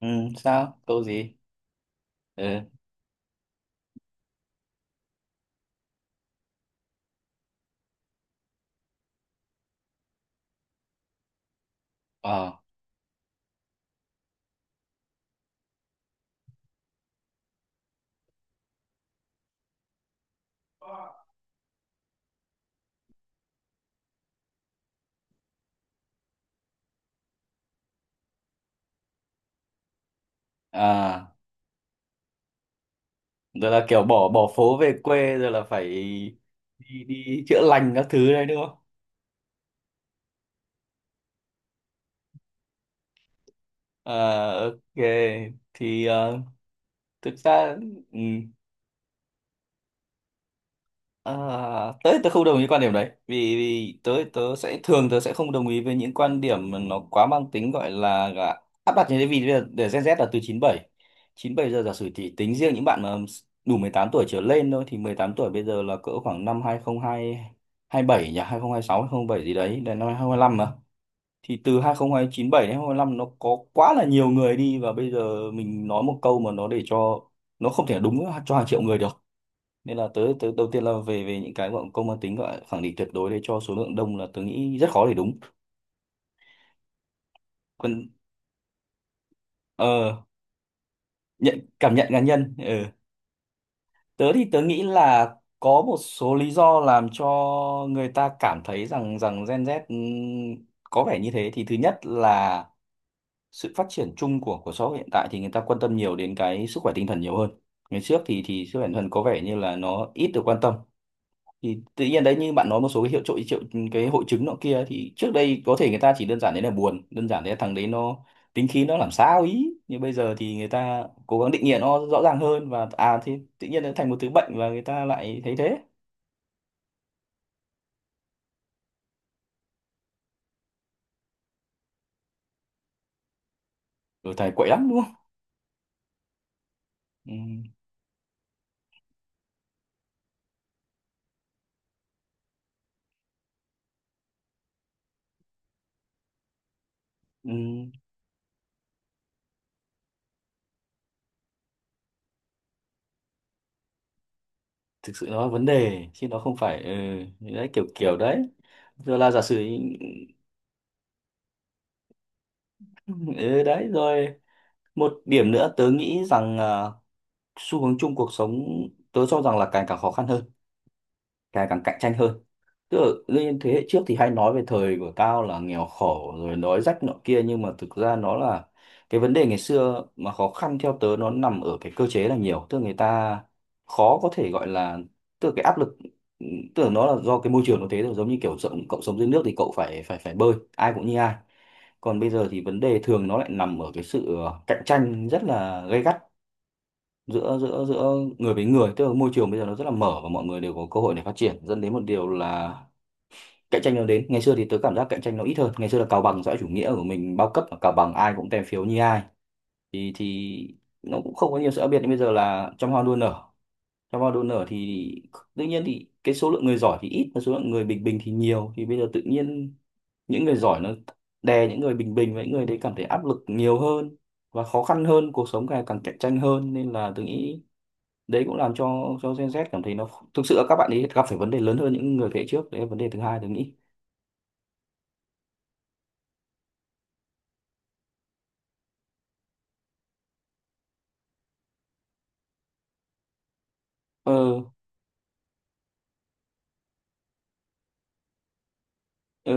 Ừ, sao? Câu gì? Ừ. Ờ. À, rồi là kiểu bỏ bỏ phố về quê rồi là phải đi đi chữa lành các thứ đấy đúng không? À, ok. Thì thực ra ừ. À, tớ tớ không đồng ý quan điểm đấy vì, vì tớ tớ sẽ thường tớ sẽ không đồng ý với những quan điểm mà nó quá mang tính gọi là áp đặt như thế. Vì bây giờ để Gen Z là từ chín bảy, chín bảy giờ giả sử, thì tính riêng những bạn mà đủ 18 tuổi trở lên thôi, thì 18 tuổi bây giờ là cỡ khoảng năm hai không hai hai bảy nhỉ, 2026 bảy gì đấy, đến năm hai không hai lăm mà. Thì từ hai không hai chín bảy đến hai không hai lăm, nó có quá là nhiều người đi, và bây giờ mình nói một câu mà nó để cho nó không thể đúng cho hàng triệu người được. Nên là tớ tớ đầu tiên là về về những cái gọi công mang tính gọi khẳng định tuyệt đối đấy cho số lượng đông, là tớ nghĩ rất khó để đúng. Còn ờ, nhận cảm nhận cá nhân ờ. Tớ thì tớ nghĩ là có một số lý do làm cho người ta cảm thấy rằng rằng Gen Z có vẻ như thế. Thì thứ nhất là sự phát triển chung của xã hội hiện tại thì người ta quan tâm nhiều đến cái sức khỏe tinh thần nhiều hơn. Ngày trước thì sức khỏe tinh thần có vẻ như là nó ít được quan tâm. Thì tự nhiên đấy, như bạn nói, một số cái hiệu triệu triệu cái hội chứng nọ kia, thì trước đây có thể người ta chỉ đơn giản đấy là buồn, đơn giản đấy là thằng đấy nó tính khí nó làm sao ý, nhưng bây giờ thì người ta cố gắng định nghĩa nó rõ ràng hơn, và thì tự nhiên nó thành một thứ bệnh và người ta lại thấy thế. Rồi thầy quậy lắm đúng không. Ừ, ừ, thực sự nó là vấn đề chứ nó không phải. Ừ, đấy kiểu kiểu đấy. Rồi là giả sử. Ừ, đấy rồi. Một điểm nữa tớ nghĩ rằng xu hướng chung cuộc sống, tớ cho rằng là càng càng khó khăn hơn, càng càng cạnh tranh hơn. Tức là lên thế hệ trước thì hay nói về thời của tao là nghèo khổ rồi đói rách nọ kia, nhưng mà thực ra nó là cái vấn đề ngày xưa mà khó khăn, theo tớ nó nằm ở cái cơ chế là nhiều, tức là người ta khó có thể gọi là, tức là cái áp lực, tức là nó là do cái môi trường nó thế. Rồi giống như kiểu sống, cậu sống dưới nước thì cậu phải phải phải bơi, ai cũng như ai. Còn bây giờ thì vấn đề thường nó lại nằm ở cái sự cạnh tranh rất là gay gắt giữa giữa giữa người với người. Tức là môi trường bây giờ nó rất là mở và mọi người đều có cơ hội để phát triển, dẫn đến một điều là cạnh tranh nó đến. Ngày xưa thì tớ cảm giác cạnh tranh nó ít hơn, ngày xưa là cào bằng, xã hội chủ nghĩa của mình bao cấp và cào bằng, ai cũng tem phiếu như ai, thì nó cũng không có nhiều sự khác biệt. Nhưng bây giờ là trăm hoa đua nở, trăm hoa đua nở, thì tự nhiên thì cái số lượng người giỏi thì ít và số lượng người bình bình thì nhiều, thì bây giờ tự nhiên những người giỏi nó đè những người bình bình, và những người đấy cảm thấy áp lực nhiều hơn và khó khăn hơn, cuộc sống càng càng cạnh tranh hơn. Nên là tôi nghĩ đấy cũng làm cho Gen Z cảm thấy nó thực sự là các bạn ấy gặp phải vấn đề lớn hơn những người thế hệ trước. Đấy là vấn đề thứ hai tôi nghĩ. ờ, ờ,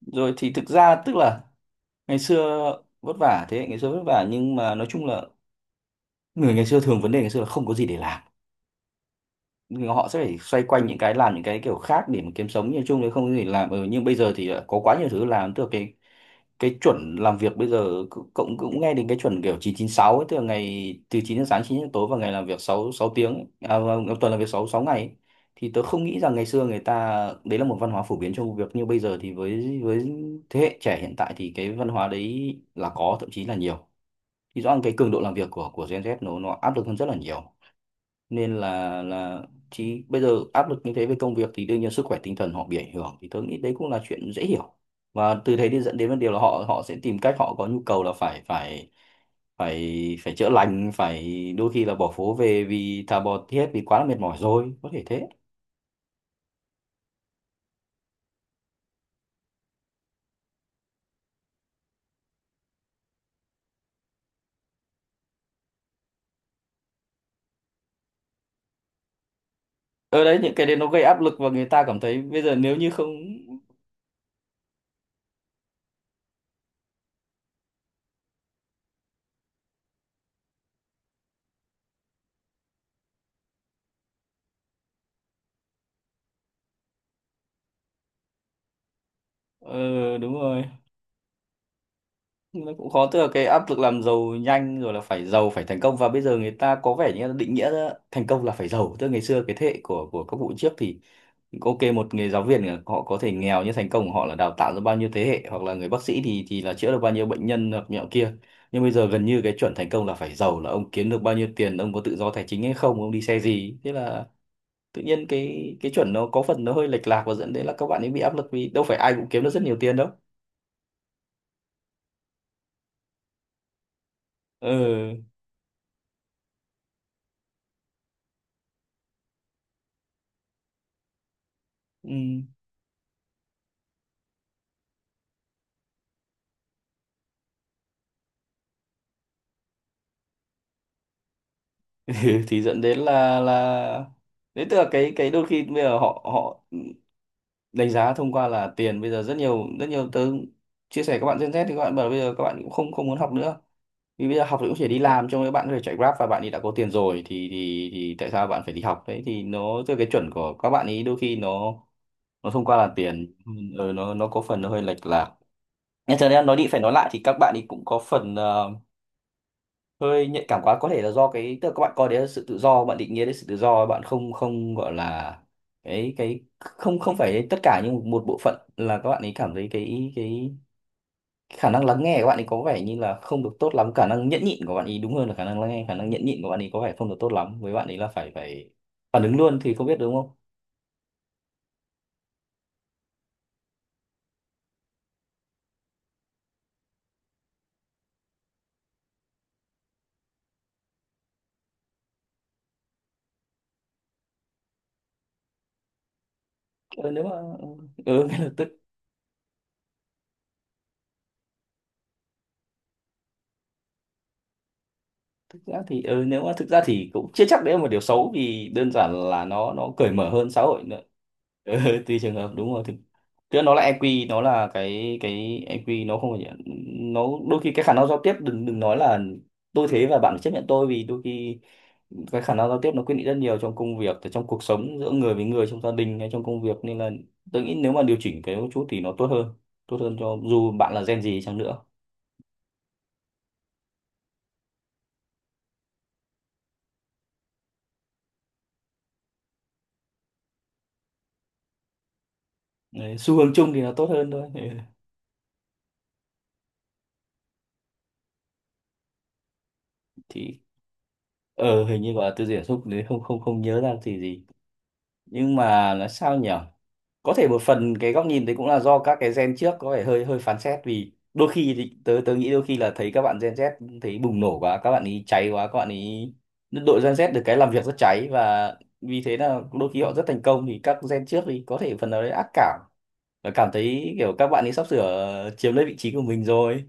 Rồi thì thực ra tức là ngày xưa vất vả, thế hệ ngày xưa vất vả, nhưng mà nói chung là người ngày xưa thường, vấn đề ngày xưa là không có gì để làm, người họ sẽ phải xoay quanh những cái làm những cái kiểu khác để mà kiếm sống, nhưng chung thì không có gì làm. Ừ, nhưng bây giờ thì đã có quá nhiều thứ làm, tức là cái chuẩn làm việc bây giờ cũng cũng cũng nghe đến cái chuẩn kiểu 996 ấy, tức là ngày từ 9 giờ sáng 9 giờ tối, và ngày làm việc 6 6 tiếng ấy. À, vâng, tuần làm việc 6 6 ngày ấy. Thì tớ không nghĩ rằng ngày xưa người ta, đấy là một văn hóa phổ biến trong công việc như bây giờ. Thì với thế hệ trẻ hiện tại thì cái văn hóa đấy là có, thậm chí là nhiều. Thì rõ ràng cái cường độ làm việc của Gen Z nó áp lực hơn rất là nhiều. Nên là chị bây giờ áp lực như thế về công việc thì đương nhiên sức khỏe tinh thần họ bị ảnh hưởng, thì tôi nghĩ đấy cũng là chuyện dễ hiểu. Và từ thế đi dẫn đến vấn đề là họ họ sẽ tìm cách, họ có nhu cầu là phải phải phải phải chữa lành, phải đôi khi là bỏ phố về, vì thà bỏ thiết vì quá là mệt mỏi rồi, có thể thế. Ở đấy những cái đấy nó gây áp lực và người ta cảm thấy bây giờ nếu như không. Ờ, đúng rồi, nó cũng khó, tức là cái áp lực làm giàu nhanh, rồi là phải giàu, phải thành công. Và bây giờ người ta có vẻ như là định nghĩa ra thành công là phải giàu. Tức là ngày xưa cái thế hệ của các vụ trước thì, ok, một người giáo viên là họ có thể nghèo, nhưng thành công của họ là đào tạo ra bao nhiêu thế hệ, hoặc là người bác sĩ thì là chữa được bao nhiêu bệnh nhân hoặc nhọ kia. Nhưng bây giờ gần như cái chuẩn thành công là phải giàu, là ông kiếm được bao nhiêu tiền, ông có tự do tài chính hay không, ông đi xe gì. Thế là tự nhiên cái chuẩn nó có phần nó hơi lệch lạc, và dẫn đến là các bạn ấy bị áp lực, vì đâu phải ai cũng kiếm được rất nhiều tiền đâu. Ừ, ừ, ừ, thì dẫn đến là đấy, tức là cái đôi khi bây giờ họ họ đánh giá thông qua là tiền. Bây giờ rất nhiều, rất nhiều tớ chia sẻ các bạn Gen Z thì các bạn bảo bây giờ các bạn cũng không không muốn học nữa, vì bây giờ học thì cũng chỉ đi làm, trong các bạn có thể chạy Grab và bạn ấy đã có tiền rồi, thì thì tại sao bạn phải đi học đấy. Thì nó tức là cái chuẩn của các bạn ấy đôi khi nó thông qua là tiền. Ừ, nó có phần nó hơi lệch lạc. Nhưng thật ra nói đi phải nói lại thì các bạn ấy cũng có phần hơi nhạy cảm quá. Có thể là do cái, tức là các bạn coi đấy là sự tự do, bạn định nghĩa đấy sự tự do, bạn không không gọi là cái, không không phải tất cả, nhưng một bộ phận là các bạn ấy cảm thấy cái khả năng lắng nghe của bạn ấy có vẻ như là không được tốt lắm, khả năng nhẫn nhịn của bạn ấy đúng hơn là khả năng lắng nghe, khả năng nhẫn nhịn của bạn ấy có vẻ không được tốt lắm, với bạn ấy là phải phải phản ứng luôn thì không biết đúng không. Ừ, nếu mà, ừ, ngay lập tức. Thực ra thì ừ, nếu mà thực ra thì cũng chưa chắc đấy là một điều xấu, vì đơn giản là nó cởi mở hơn xã hội. Ừ, tùy trường hợp, đúng rồi, thực tức là nó là EQ, nó là cái EQ nó không phải là- nó đôi khi cái khả năng giao tiếp, đừng đừng nói là tôi thế và bạn chấp nhận tôi, vì đôi khi cái khả năng giao tiếp nó quyết định rất nhiều trong công việc, trong cuộc sống, giữa người với người, trong gia đình hay trong công việc. Nên là tôi nghĩ nếu mà điều chỉnh cái một chút thì nó tốt hơn, tốt hơn cho dù bạn là gen gì chăng nữa. Đấy, xu hướng chung thì nó tốt hơn thôi. Ừ, thì hình như gọi là tư duy cảm xúc đấy, không không không nhớ ra thì gì. Nhưng mà là sao nhỉ? Có thể một phần cái góc nhìn đấy cũng là do các cái gen trước có vẻ hơi hơi phán xét, vì đôi khi thì tớ tớ nghĩ đôi khi là thấy các bạn gen Z thấy bùng nổ quá, các bạn ý cháy quá, các bạn ý đội gen Z được cái làm việc rất cháy, và vì thế là đôi khi họ rất thành công, thì các gen trước thì có thể phần nào đấy ác cảm và cảm thấy kiểu các bạn ấy sắp sửa chiếm lấy vị trí của mình rồi.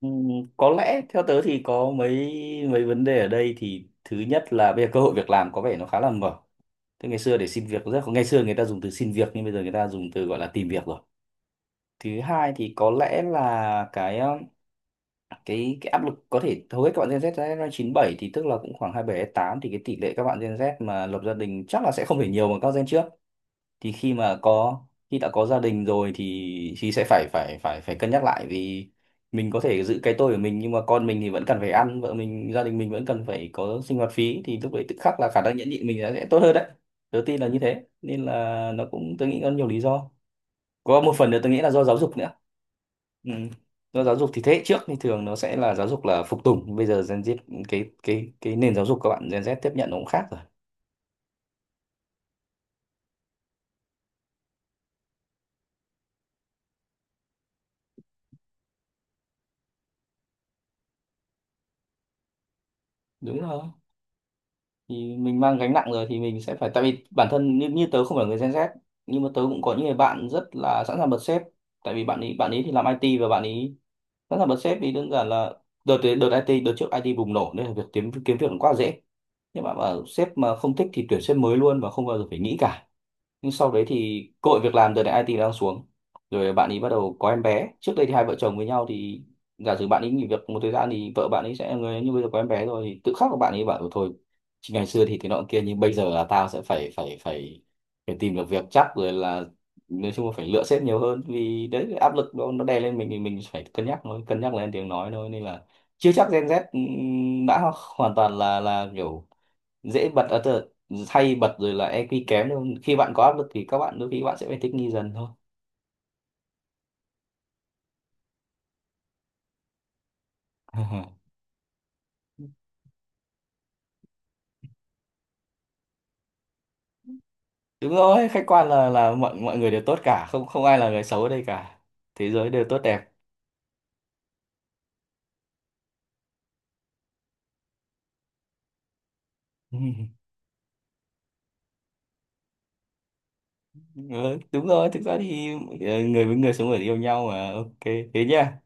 Ừm, có lẽ theo tớ thì có mấy mấy vấn đề ở đây. Thì thứ nhất là bây giờ cơ hội việc làm có vẻ nó khá là mở. Thế ngày xưa để xin việc rất khó. Ngày xưa người ta dùng từ xin việc, nhưng bây giờ người ta dùng từ gọi là tìm việc rồi. Thứ hai thì có lẽ là cái cái áp lực. Có thể hầu hết các bạn Gen Z ra chín bảy, thì tức là cũng khoảng 27 tám, thì cái tỷ lệ các bạn Gen Z mà lập gia đình chắc là sẽ không thể nhiều bằng các gen trước. Thì khi mà có, khi đã có gia đình rồi thì sẽ phải phải phải phải cân nhắc lại, vì mình có thể giữ cái tôi của mình nhưng mà con mình thì vẫn cần phải ăn, vợ mình gia đình mình vẫn cần phải có sinh hoạt phí, thì lúc đấy tự khắc là khả năng nhẫn nhịn mình sẽ tốt hơn đấy. Đầu tiên là như thế, nên là nó cũng, tôi nghĩ có nhiều lý do. Có một phần nữa tôi nghĩ là do giáo dục nữa. Ừ. Do giáo dục thì thế hệ trước thì thường nó sẽ là giáo dục là phục tùng, bây giờ Gen Z, cái nền giáo dục các bạn Gen Z tiếp nhận nó cũng khác rồi. Đúng rồi, thì mình mang gánh nặng rồi thì mình sẽ phải, tại vì bản thân như tớ không phải là người Gen Z, nhưng mà tớ cũng có những người bạn rất là sẵn sàng bật sếp. Tại vì bạn ấy thì làm IT, và bạn ấy sẵn sàng bật sếp vì đơn giản là đợt đợt IT đợt trước IT bùng nổ nên là việc kiếm kiếm việc cũng quá dễ, nhưng mà bảo sếp mà không thích thì tuyển sếp mới luôn và không bao giờ phải nghĩ cả. Nhưng sau đấy thì cơ hội việc làm đợt này IT đang xuống, rồi bạn ấy bắt đầu có em bé. Trước đây thì hai vợ chồng với nhau thì giả sử bạn ấy nghỉ việc một thời gian thì vợ bạn ấy sẽ là người, như bây giờ có em bé rồi thì tự khắc của bạn ấy bảo "Ừ thôi, chỉ ngày xưa thì thế nọ kia, nhưng bây giờ là tao sẽ phải phải phải phải tìm được việc chắc rồi", là nói chung là phải lựa sếp nhiều hơn, vì đấy cái áp lực nó đè lên mình thì mình phải cân nhắc thôi, cân nhắc lên tiếng nói thôi. Nên là chưa chắc Gen Z đã hoàn toàn là kiểu dễ bật ở tờ hay bật rồi là EQ kém đâu. Khi bạn có áp lực thì các bạn đôi khi bạn sẽ phải thích nghi dần thôi. Đúng rồi, khách quan là mọi mọi người đều tốt cả, không không ai là người xấu ở đây cả, thế giới đều tốt đẹp. Ừ, đúng rồi, thực ra thì người với người sống người yêu nhau mà, ok, thế nhá.